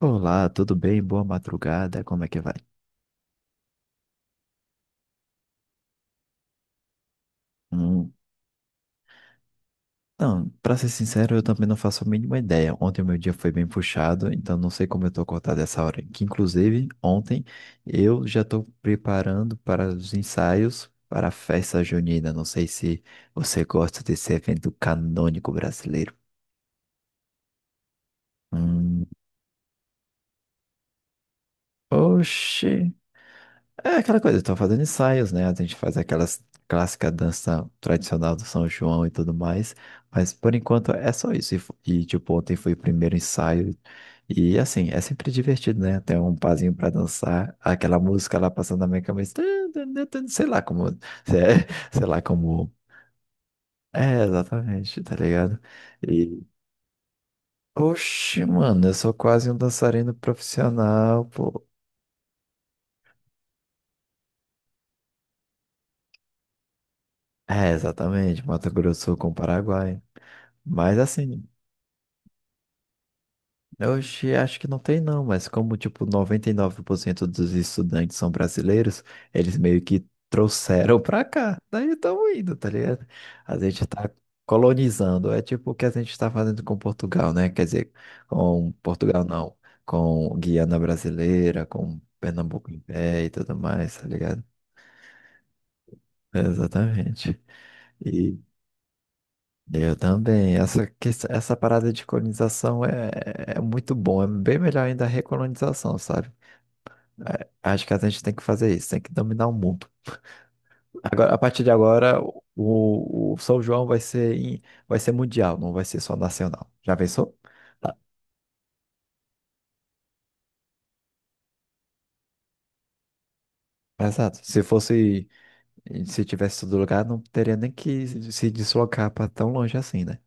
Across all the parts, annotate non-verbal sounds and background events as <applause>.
Olá, tudo bem? Boa madrugada, como é que vai? Hum, não, pra ser sincero, eu também não faço a mínima ideia. Ontem o meu dia foi bem puxado, então não sei como eu tô acordado essa hora. Que inclusive, ontem eu já tô preparando para os ensaios para a festa junina. Não sei se você gosta desse evento canônico brasileiro. Hum, oxe. É aquela coisa, estou fazendo ensaios, né? A gente faz aquelas clássica dança tradicional do São João e tudo mais, mas por enquanto é só isso. E, tipo, ontem foi o primeiro ensaio e assim, é sempre divertido, né? Tem um pazinho pra dançar, aquela música lá passando na minha cabeça, <tsk> sei lá como, <laughs> é, sei lá como. É, exatamente, tá ligado? E, oxe, mano, eu sou quase um dançarino profissional, pô. É, exatamente, Mato Grosso com o Paraguai. Mas assim, oxi, acho que não tem não, mas como tipo 99% dos estudantes são brasileiros, eles meio que trouxeram pra cá. Daí estão indo, tá ligado? A gente tá colonizando. É tipo o que a gente tá fazendo com Portugal, né? Quer dizer, com Portugal não, com Guiana Brasileira, com Pernambuco em pé e tudo mais, tá ligado? Exatamente. E eu também. Essa parada de colonização é muito bom. É bem melhor ainda a recolonização, sabe? É, acho que a gente tem que fazer isso, tem que dominar o mundo. Agora, a partir de agora, o São João vai ser, vai ser mundial, não vai ser só nacional. Já pensou? Ah, exato. Se fosse, se tivesse todo lugar, não teria nem que se deslocar para tão longe assim, né?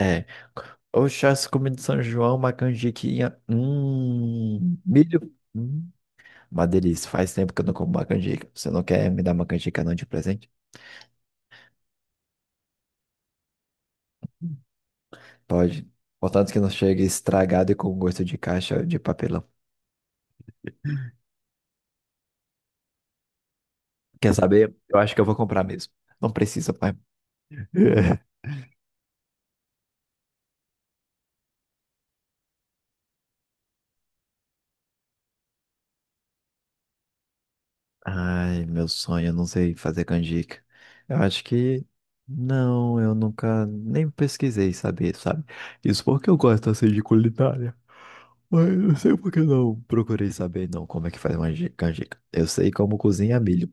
É. O chassi comida de São João, uma canjiquinha. Milho. Hum, uma delícia. Faz tempo que eu não como uma canjica. Você não quer me dar uma canjica não de presente? Pode. Contanto que não chegue estragado e com gosto de caixa de papelão. Quer saber? Eu acho que eu vou comprar mesmo. Não precisa, pai. <laughs> Ai, meu sonho, eu não sei fazer canjica. Eu acho que. Não, eu nunca nem pesquisei saber, sabe? Isso porque eu gosto assim de culinária. Mas eu não sei porque não procurei saber, não, como é que faz uma canjica. Eu sei como cozinha milho.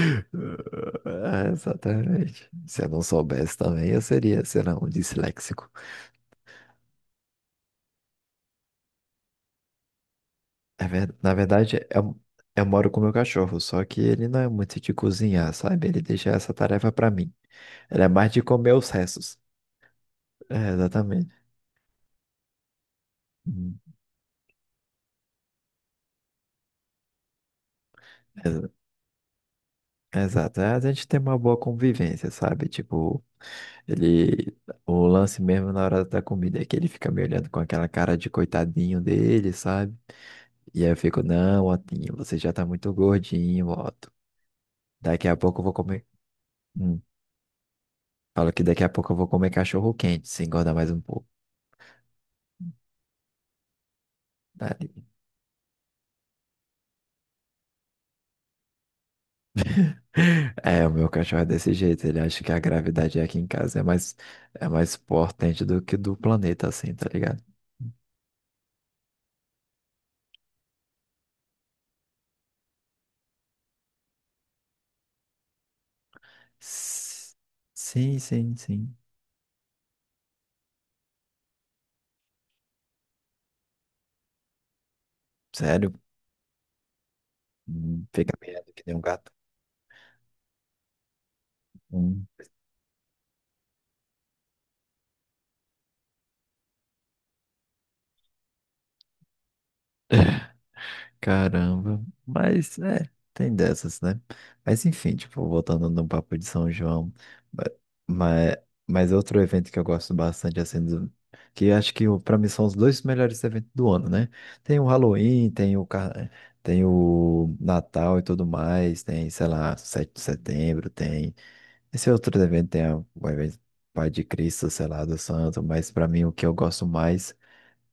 <laughs> Ah, exatamente. Se eu não soubesse também, eu seria, sei lá, um disléxico. Na verdade, eu moro com meu cachorro, só que ele não é muito de cozinhar, sabe? Ele deixa essa tarefa pra mim. Ele é mais de comer os restos. É, exatamente. Hum, exa- Exato. É, a gente tem uma boa convivência, sabe? Tipo, ele. O lance mesmo na hora da comida é que ele fica me olhando com aquela cara de coitadinho dele, sabe? E aí eu fico, não, Otinho, você já tá muito gordinho, Otto. Daqui a pouco eu vou comer. Hum. Falo que daqui a pouco eu vou comer cachorro quente, se engordar mais um pouco. É, o meu cachorro é desse jeito, ele acha que a gravidade aqui em casa é mais potente do que do planeta, assim, tá ligado? S- Sim, sim, sim. Sério? Fica miando que nem um gato. Hum. Caramba, mas é, tem dessas, né? Mas enfim, tipo, voltando no papo de São João, mas, mas é outro evento que eu gosto bastante, assim, que acho que pra mim são os dois melhores eventos do ano, né? Tem o Halloween, tem o Natal e tudo mais, tem, sei lá, 7 de setembro, tem esse outro evento, o evento Pai de Cristo, sei lá, do Santo, mas pra mim o que eu gosto mais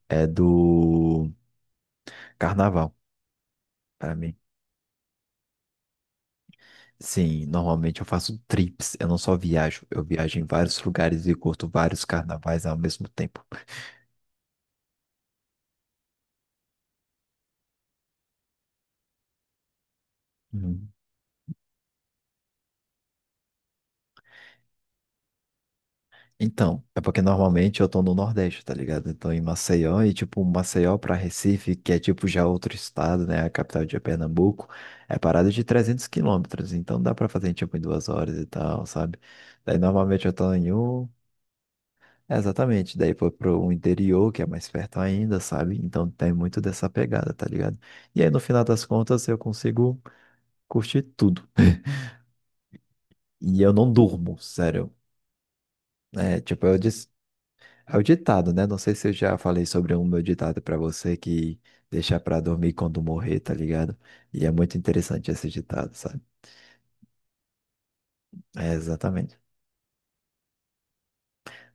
é do Carnaval. Pra mim sim, normalmente eu faço trips, eu não só viajo, eu viajo em vários lugares e curto vários carnavais ao mesmo tempo. Hum. Então, é porque normalmente eu tô no Nordeste, tá ligado? Então em Maceió e tipo Maceió pra Recife, que é tipo já outro estado, né? A capital de Pernambuco, é parada de 300 quilômetros, então dá pra fazer tipo em 2 horas e tal, sabe? Daí normalmente eu tô em um é, exatamente, daí foi pro interior, que é mais perto ainda, sabe? Então tem muito dessa pegada, tá ligado? E aí no final das contas eu consigo curtir tudo. E eu não durmo, sério. É, tipo, eu disse, é o ditado, né? Não sei se eu já falei sobre um meu ditado pra você que deixa pra dormir quando morrer, tá ligado? E é muito interessante esse ditado, sabe? É, exatamente.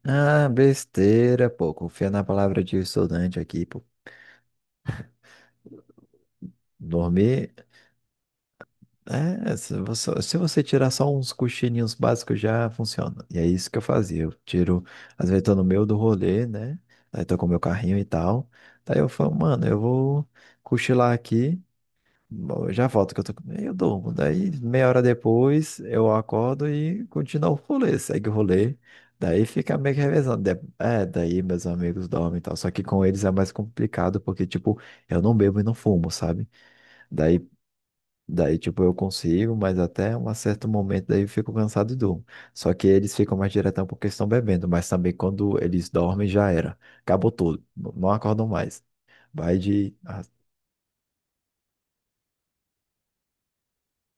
Ah, besteira, pô. Confia na palavra de estudante aqui, pô. Dormir é, se você, se você tirar só uns cochilinhos básicos já funciona. E é isso que eu fazia. Eu tiro, às vezes tô no meio do rolê, né? Aí tô com meu carrinho e tal. Daí eu falo, mano, eu vou cochilar aqui, eu já volto que eu Eu durmo. Daí meia hora depois eu acordo e continuo o rolê, segue o rolê. Daí fica meio que revezando. É, daí meus amigos dormem e tal. Só que com eles é mais complicado porque, tipo, eu não bebo e não fumo, sabe? Daí daí, tipo, eu consigo, mas até um certo momento daí eu fico cansado e durmo. Só que eles ficam mais diretão porque estão bebendo, mas também quando eles dormem já era. Acabou tudo. Não acordam mais. Vai de ah,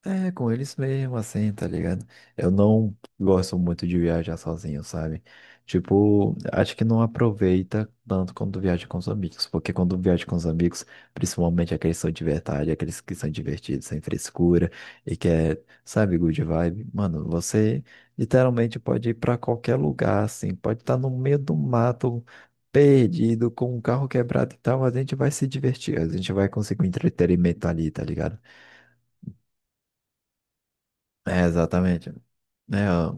é, com eles mesmo, assim, tá ligado? Eu não gosto muito de viajar sozinho, sabe? Tipo, acho que não aproveita tanto quando viaja com os amigos, porque quando viaja com os amigos, principalmente aqueles que são de verdade, aqueles que são divertidos, sem frescura e que é, sabe, good vibe, mano, você literalmente pode ir pra qualquer lugar, assim, pode estar no meio do mato, perdido, com o carro quebrado e tal, mas a gente vai se divertir, a gente vai conseguir um entretenimento ali, tá ligado? É, exatamente. É, ó,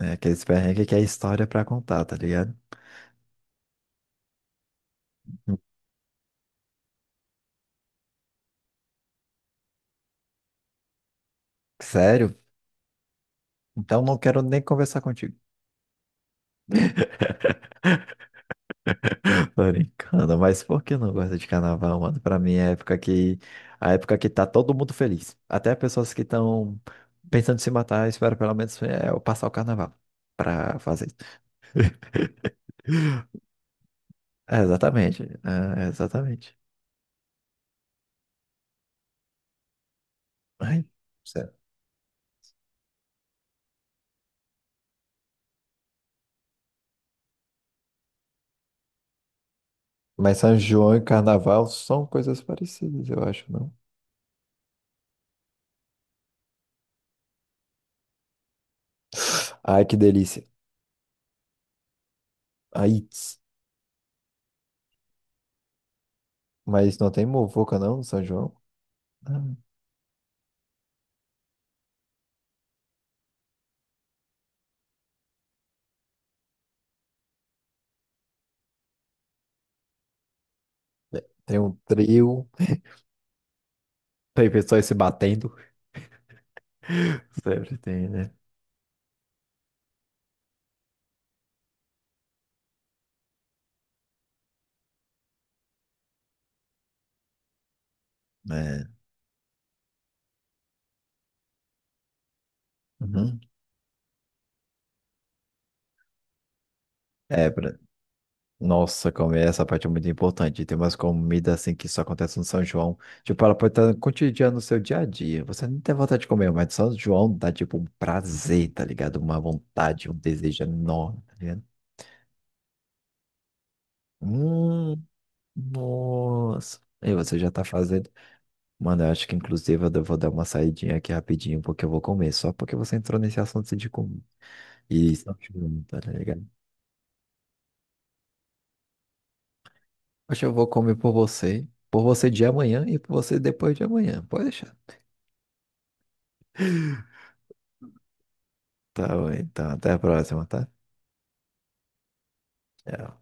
é aqueles perrengues que é história pra contar, tá ligado? Sério? Então não quero nem conversar contigo. <laughs> Tô brincando, mas por que eu não gosto de carnaval, mano? Pra mim é a época que... A época que tá todo mundo feliz. Até pessoas que estão pensando em se matar, espero pelo menos é, eu passar o carnaval pra fazer isso. É, exatamente. É, exatamente. Ai, sério. Mas São João e carnaval são coisas parecidas, eu acho, não? Ai, que delícia. Ai, mas não tem muvuca, não, no São João? Ah, tem um trio, tem pessoas se batendo. Sempre tem, né? É, uhum. É, nossa, como é essa parte é muito importante. Tem umas comidas assim que só acontece no São João. Tipo, ela pode estar cotidiana no seu dia a dia. Você não tem vontade de comer, mas São João dá tipo um prazer, tá ligado? Uma vontade, um desejo enorme, tá ligado? Hum, nossa. E você já tá fazendo. Mano, eu acho que inclusive eu vou dar uma saidinha aqui rapidinho, porque eu vou comer, só porque você entrou nesse assunto de comer. E isso, tá ligado? Hoje eu vou comer por você de amanhã e por você depois de amanhã. Pode deixar. Tá bom, então até a próxima, tá? Tchau.